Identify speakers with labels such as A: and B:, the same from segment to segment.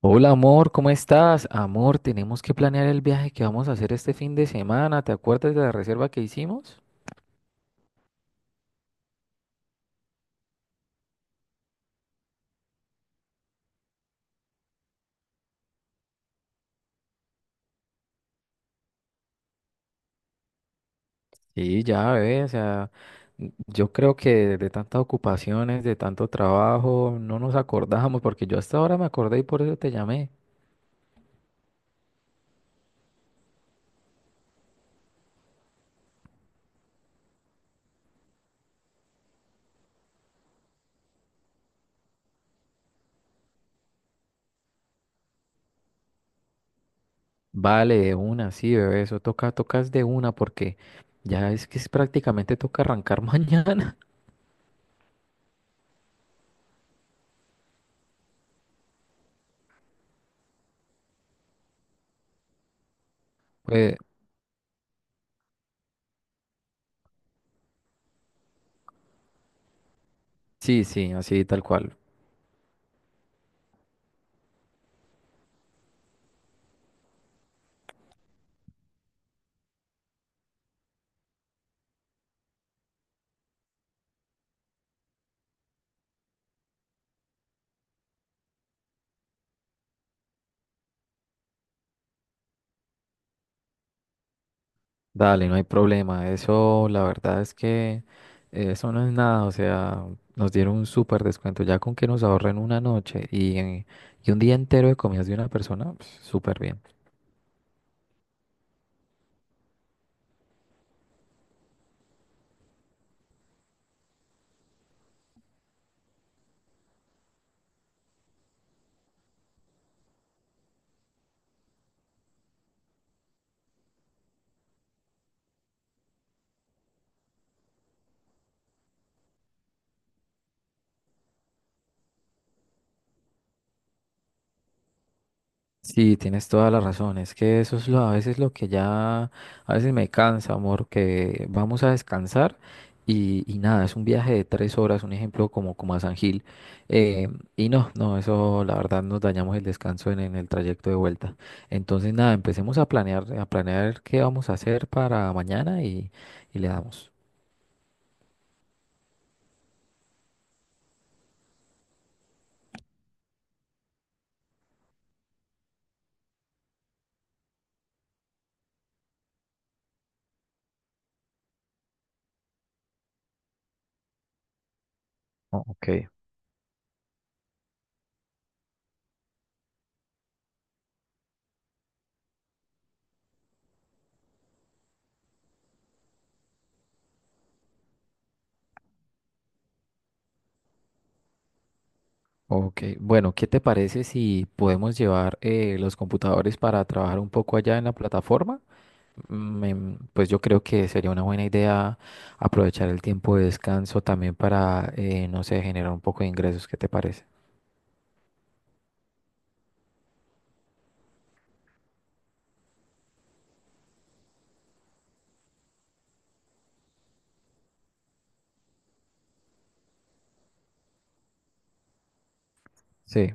A: Hola amor, ¿cómo estás? Amor, tenemos que planear el viaje que vamos a hacer este fin de semana. ¿Te acuerdas de la reserva que hicimos? Sí, ya, bebé, o sea, yo creo que de tantas ocupaciones, de tanto trabajo, no nos acordamos, porque yo hasta ahora me acordé y por eso te llamé. Vale, de una, sí, bebé, eso toca, tocas de una, porque ya es que es prácticamente toca arrancar mañana. Pues sí, sí, así tal cual. Dale, no hay problema. Eso, la verdad es que eso no es nada. O sea, nos dieron un súper descuento. Ya con que nos ahorren una noche y un día entero de comidas de una persona, pues, súper bien. Sí, tienes toda la razón. Es que eso es lo, a veces lo que ya, a veces me cansa, amor, que vamos a descansar y nada, es un viaje de 3 horas, un ejemplo como, como a San Gil. eh, y no, no, eso la verdad nos dañamos el descanso en el trayecto de vuelta. Entonces nada, empecemos a planear qué vamos a hacer para mañana y le damos. Oh, ok. Ok, bueno, ¿qué te parece si podemos llevar los computadores para trabajar un poco allá en la plataforma? Pues yo creo que sería una buena idea aprovechar el tiempo de descanso también para, no sé, generar un poco de ingresos. ¿Qué te parece? Sí.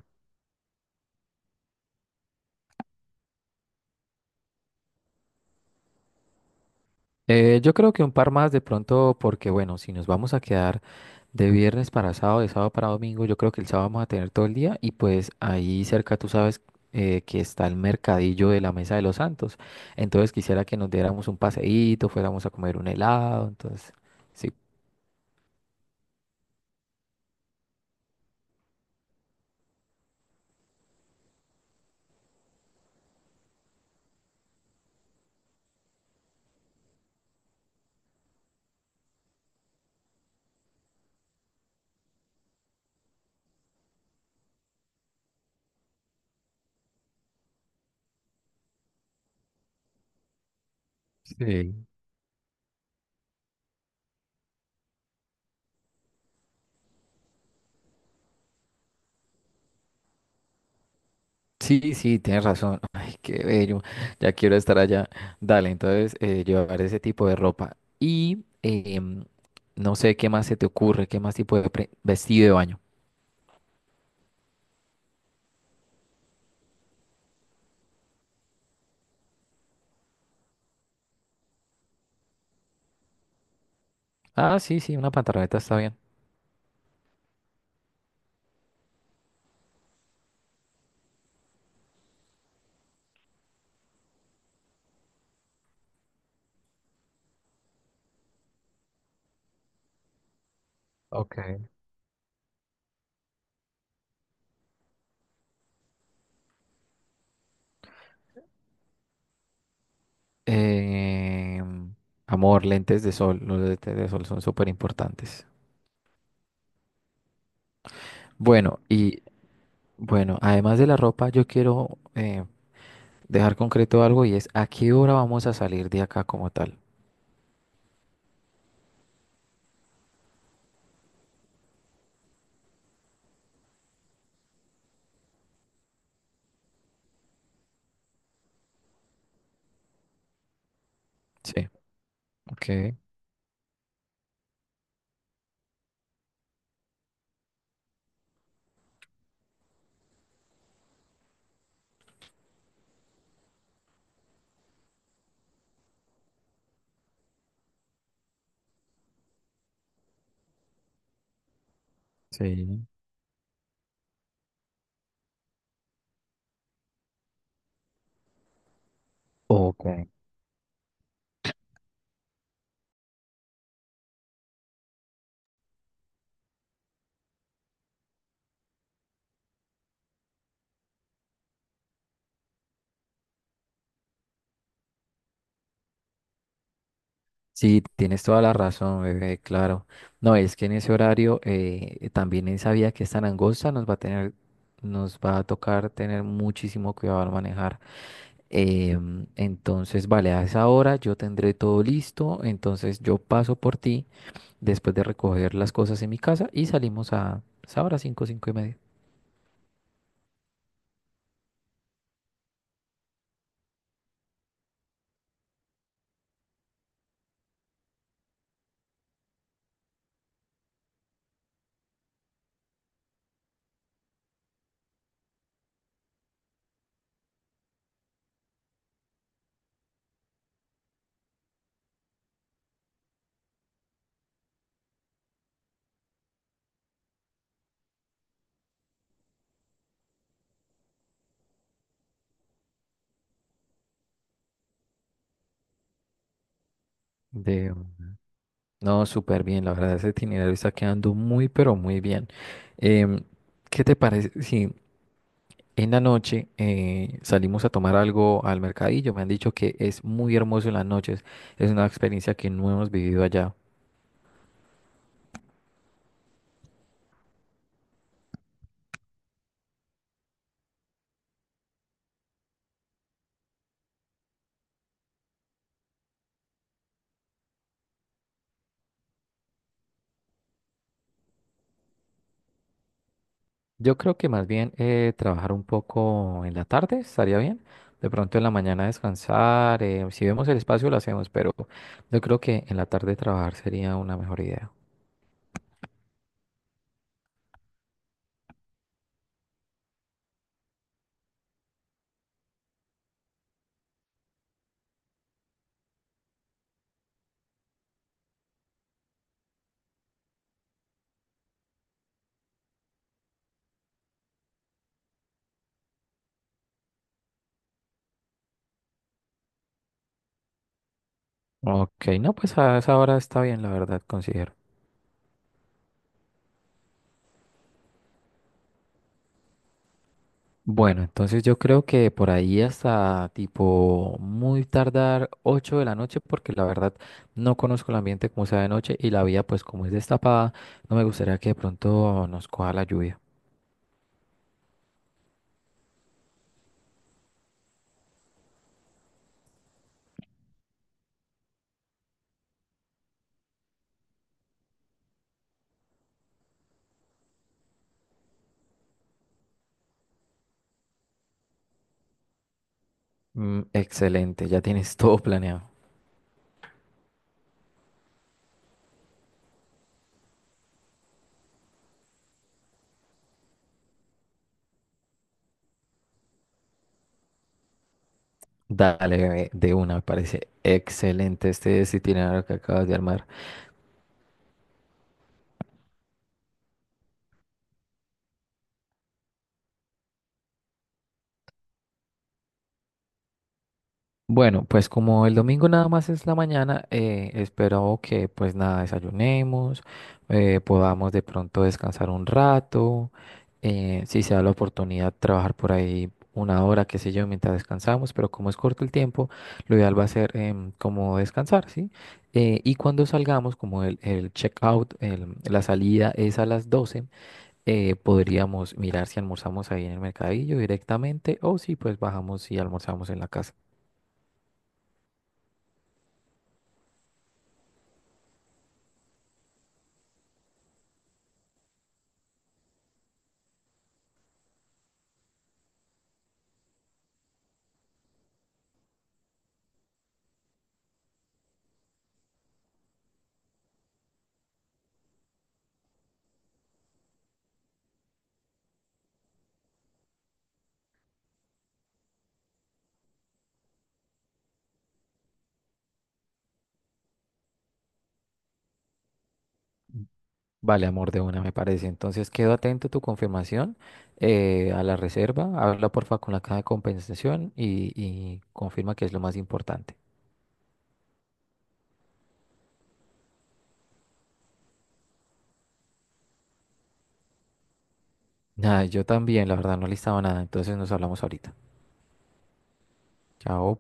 A: Yo creo que un par más de pronto, porque bueno, si nos vamos a quedar de viernes para sábado, de sábado para domingo, yo creo que el sábado vamos a tener todo el día y pues ahí cerca tú sabes que está el mercadillo de la Mesa de los Santos. Entonces quisiera que nos diéramos un paseíto, fuéramos a comer un helado, entonces, sí. Sí. Sí, sí, tienes razón. Ay, qué bello. Ya quiero estar allá. Dale, entonces llevar ese tipo de ropa. Y no sé qué más se te ocurre, qué más tipo de vestido de baño. Ah, sí, sí, una pantaloneta está bien. Ok. Em, Amor, lentes de sol. Los lentes de sol son súper importantes. Bueno, y bueno, además de la ropa, yo quiero dejar concreto algo y es a qué hora vamos a salir de acá como tal. Sí, ok. Sí. Ok. Sí, tienes toda la razón, bebé, claro. No, es que en ese horario también esa vía que es tan angosta nos va a tener, nos va a tocar tener muchísimo cuidado al manejar. Entonces, vale, a esa hora yo tendré todo listo, entonces yo paso por ti después de recoger las cosas en mi casa y salimos a esa hora, 5, 5 y media. De, no, súper bien, la verdad, ese itinerario está quedando muy, pero muy bien. Em, ¿Qué te parece? Sí, en la noche salimos a tomar algo al mercadillo. Me han dicho que es muy hermoso en las noches. Es una experiencia que no hemos vivido allá. Yo creo que más bien trabajar un poco en la tarde estaría bien. De pronto en la mañana descansar. Si vemos el espacio lo hacemos, pero yo creo que en la tarde trabajar sería una mejor idea. Ok, no, pues a esa hora está bien, la verdad, considero. Bueno, entonces yo creo que por ahí hasta tipo muy tardar 8 de la noche, porque la verdad no conozco el ambiente como sea de noche y la vía pues como es destapada, no me gustaría que de pronto nos coja la lluvia. Mm, excelente, ya tienes todo planeado. Dale, bebé, de una, me parece excelente este itinerario que acabas de armar. Bueno, pues como el domingo nada más es la mañana, espero que pues nada, desayunemos, podamos de pronto descansar un rato, si se da la oportunidad trabajar por ahí una hora, qué sé yo, mientras descansamos, pero como es corto el tiempo, lo ideal va a ser como descansar, ¿sí? Y cuando salgamos, como el check-out, la salida es a las 12, podríamos mirar si almorzamos ahí en el mercadillo directamente o si pues bajamos y almorzamos en la casa. Vale, amor, de una me parece. Entonces, quedo atento a tu confirmación, a la reserva. Habla porfa con la caja de compensación y confirma que es lo más importante. Nada, yo también, la verdad, no listaba nada. Entonces, nos hablamos ahorita. Chao.